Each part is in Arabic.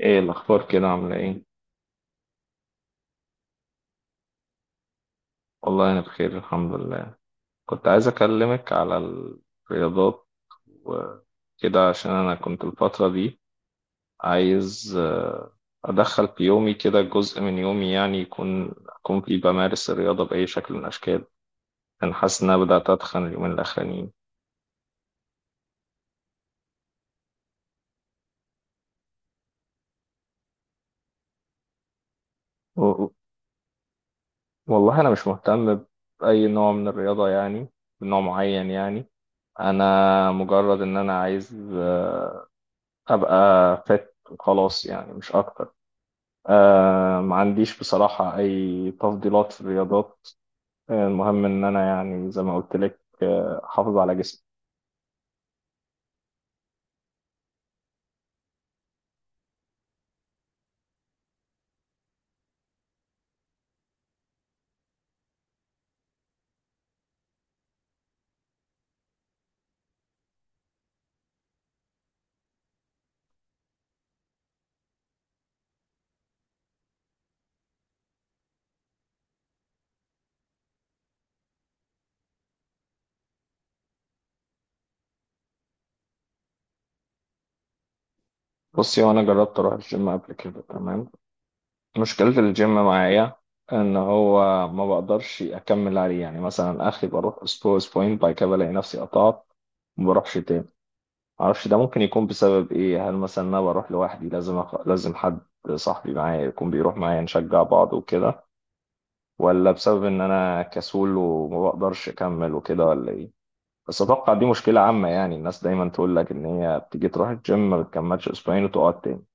ايه الاخبار كده؟ عامله ايه؟ والله انا بخير الحمد لله. كنت عايز اكلمك على الرياضات وكده، عشان انا كنت الفتره دي عايز ادخل في يومي كده جزء من يومي، يعني اكون فيه بمارس الرياضه باي شكل من الاشكال. انا حاسس ان انا بدات اتخن اليومين الاخرانيين. و- والله انا مش مهتم باي نوع من الرياضه يعني، بنوع معين يعني. انا مجرد ان انا عايز ابقى فت وخلاص، يعني مش اكتر. ما عنديش بصراحة أي تفضيلات في الرياضات. المهم إن أنا، يعني زي ما قلت لك، أحافظ على جسمي. بصي، وأنا جربت أروح الجيم قبل كده، تمام. مشكلة الجيم معايا إن هو ما بقدرش أكمل عليه يعني، مثلا آخري بروح أسبوع أسبوعين، بعد كده بلاقي نفسي قطعت، ما بروحش تاني. معرفش ده ممكن يكون بسبب إيه، هل مثلا أنا بروح لوحدي، لازم لازم حد صاحبي معايا يكون بيروح معايا نشجع بعض وكده، ولا بسبب ان انا كسول وما بقدرش اكمل وكده، ولا ايه؟ بس اتوقع دي مشكلة عامة يعني، الناس دايما تقول لك ان هي بتيجي تروح الجيم ما بتكملش اسبوعين وتقعد تاني.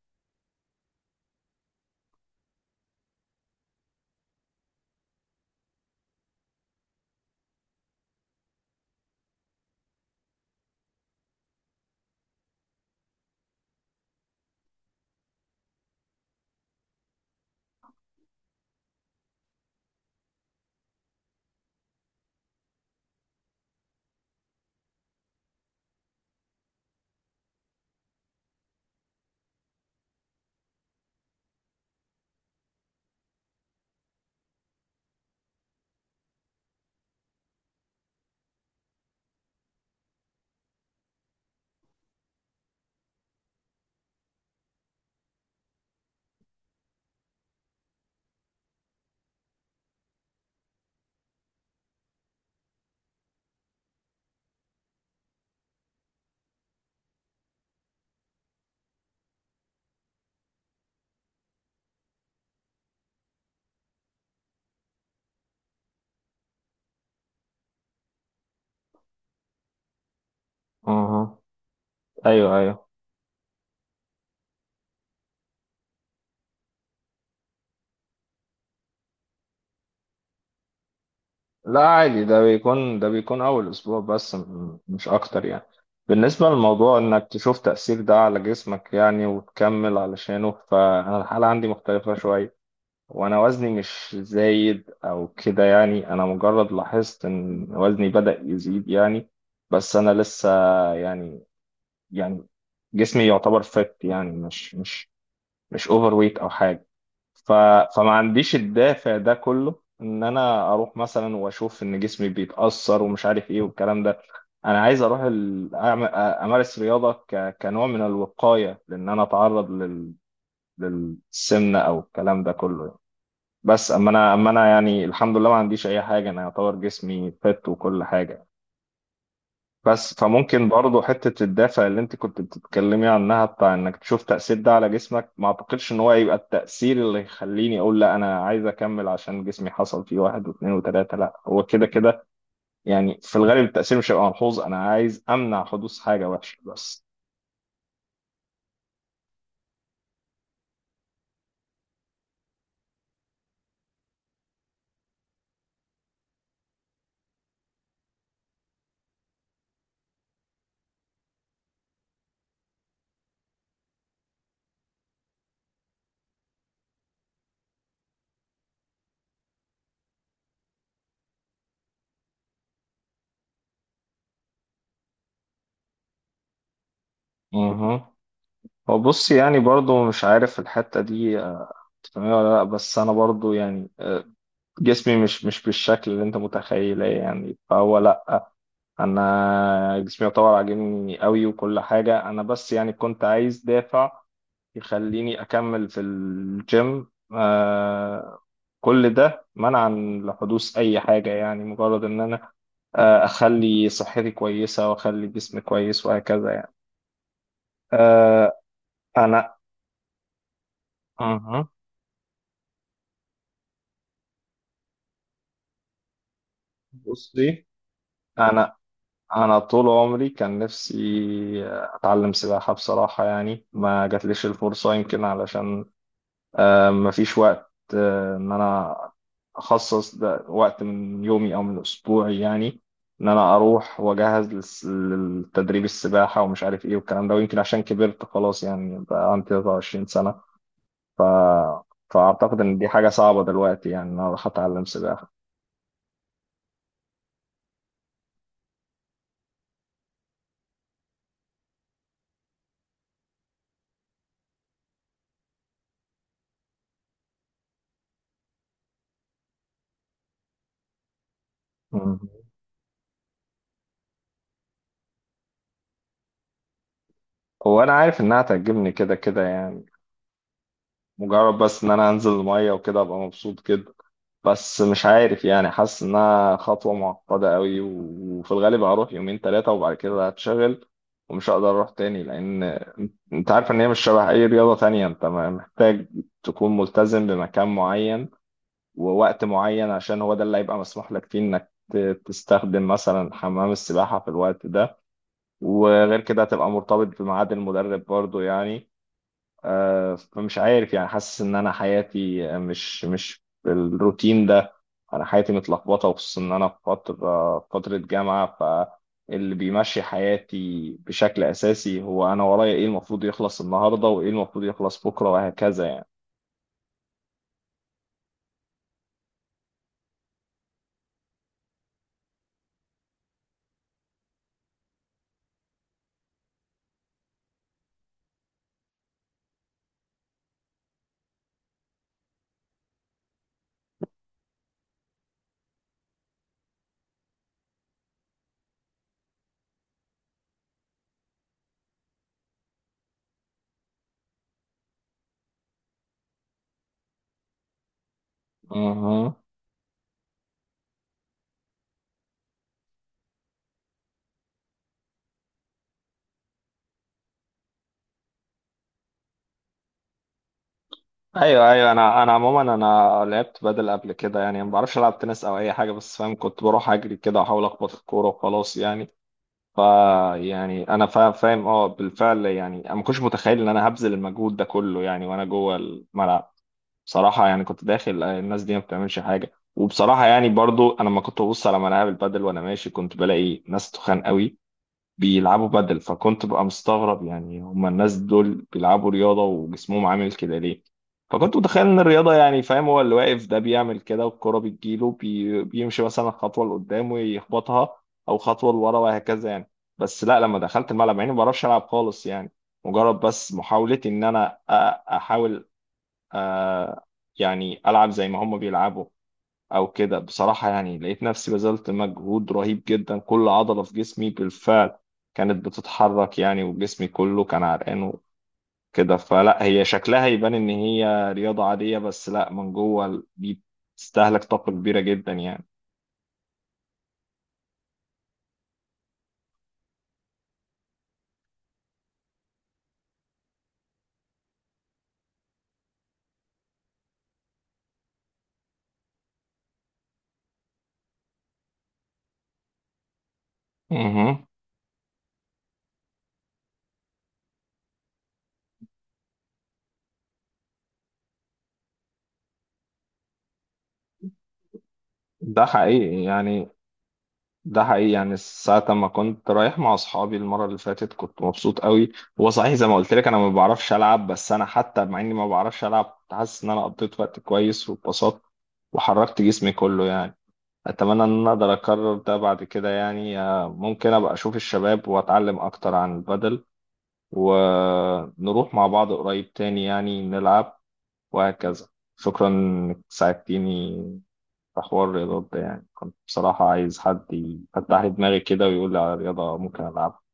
اها، ايوه ايوه. لا عادي، ده بيكون أول أسبوع بس، مش أكتر يعني. بالنسبة للموضوع إنك تشوف تأثير ده على جسمك يعني، وتكمل علشانه، فأنا الحالة عندي مختلفة شوية. وانا وزني مش زايد او كده يعني، انا مجرد لاحظت ان وزني بدأ يزيد يعني. بس انا لسه يعني، يعني جسمي يعتبر فت يعني، مش اوفر ويت او حاجه. ف فما عنديش الدافع ده كله ان انا اروح مثلا واشوف ان جسمي بيتأثر ومش عارف ايه والكلام ده. انا عايز اروح امارس رياضه كنوع من الوقايه، لان انا اتعرض للسمنه او الكلام ده كله يعني. بس اما انا، يعني الحمد لله ما عنديش اي حاجه، انا يعتبر جسمي فت وكل حاجه. بس فممكن برضه حته الدافع اللي انت كنت بتتكلمي عنها، بتاع انك تشوف تاثير ده على جسمك، ما اعتقدش ان هو يبقى التاثير اللي يخليني اقول لا انا عايز اكمل عشان جسمي حصل فيه واحد واثنين وثلاثه، لا هو كده كده يعني، في الغالب التاثير مش هيبقى ملحوظ، انا عايز امنع حدوث حاجه وحشه بس. اها. هو بصي يعني، برضه مش عارف الحته دي تفهميها ولا لا، بس انا برضه يعني جسمي مش مش بالشكل اللي انت متخيله يعني، فهو لا، انا جسمي يعتبر عاجبني قوي وكل حاجه. انا بس يعني كنت عايز دافع يخليني اكمل في الجيم، كل ده منعا لحدوث اي حاجه يعني، مجرد ان انا اخلي صحتي كويسه واخلي جسمي كويس وهكذا يعني. آه انا أها، بصي، انا انا طول عمري كان نفسي اتعلم سباحة بصراحة يعني، ما جاتليش الفرصة، يمكن علشان ما فيش وقت، ان انا اخصص ده وقت من يومي او من اسبوعي يعني، ان انا اروح واجهز للتدريب السباحة ومش عارف ايه والكلام ده. ويمكن عشان كبرت خلاص يعني، بقى عندي 23 سنة. ف... فاعتقد ان دي حاجة صعبة دلوقتي يعني ان انا اروح اتعلم سباحة. مم. وانا عارف انها تعجبني كده كده يعني، مجرد بس ان انا انزل الميه وكده ابقى مبسوط كده. بس مش عارف يعني، حاسس انها خطوه معقده قوي، وفي الغالب هروح يومين ثلاثه وبعد كده هتشغل ومش هقدر اروح تاني، لان انت عارف ان هي مش شبه اي رياضه تانية، انت محتاج تكون ملتزم بمكان معين ووقت معين، عشان هو ده اللي هيبقى مسموح لك فيه انك تستخدم مثلا حمام السباحه في الوقت ده. وغير كده هتبقى مرتبط بميعاد المدرب برضو يعني. فمش عارف يعني، حاسس ان انا حياتي مش مش بالروتين ده، انا حياتي متلخبطه، وخصوصا ان انا في فتره، جامعه، فاللي بيمشي حياتي بشكل اساسي هو انا ورايا ايه المفروض يخلص النهارده، وايه المفروض يخلص بكره، وهكذا يعني. مهم. ايوه ايوه، انا عموما انا لعبت بدل قبل كده يعني، ما بعرفش العب تنس او اي حاجه، بس فاهم كنت بروح اجري كده واحاول اخبط الكوره وخلاص يعني. يعني انا فاهم، بالفعل يعني انا ما كنتش متخيل ان انا هبذل المجهود ده كله يعني وانا جوه الملعب. بصراحه يعني كنت داخل الناس دي ما بتعملش حاجه. وبصراحه يعني، برضو انا لما كنت ببص على ملاعب البادل وانا ماشي كنت بلاقي ناس تخان قوي بيلعبوا بدل، فكنت ببقى مستغرب يعني، هما الناس دول بيلعبوا رياضة وجسمهم عامل كده ليه؟ فكنت متخيل ان الرياضة، يعني فاهم، هو اللي واقف ده بيعمل كده والكرة بتجيله بيمشي مثلا خطوة لقدام ويخبطها، او خطوة لورا، وهكذا يعني. بس لا، لما دخلت الملعب يعني ما بعرفش العب خالص يعني، مجرد بس محاولتي ان انا احاول أ... يعني العب زي ما هما بيلعبوا او كده. بصراحة يعني لقيت نفسي بذلت مجهود رهيب جدا، كل عضلة في جسمي بالفعل كانت بتتحرك يعني، وجسمي كله كان عرقان وكده. فلا، هي شكلها يبان ان هي رياضة عادية، بس لا، من جوه دي بتستهلك طاقة كبيرة جدا يعني. مهم. ده حقيقي يعني، ده حقيقي يعني، ساعة ما كنت رايح مع أصحابي المرة اللي فاتت كنت مبسوط قوي. هو صحيح زي ما قلت لك أنا ما بعرفش ألعب، بس أنا حتى مع إني ما بعرفش ألعب كنت حاسس إن أنا قضيت وقت كويس واتبسطت وحركت جسمي كله يعني. أتمنى إن أنا أقدر أكرر ده بعد كده يعني، ممكن أبقى أشوف الشباب وأتعلم أكتر عن البدل، ونروح مع بعض قريب تاني يعني نلعب وهكذا. شكرا إنك ساعدتيني في حوار الرياضات ده، يعني كنت بصراحة عايز حد يفتح لي دماغي كده ويقول لي على رياضة ممكن ألعبها.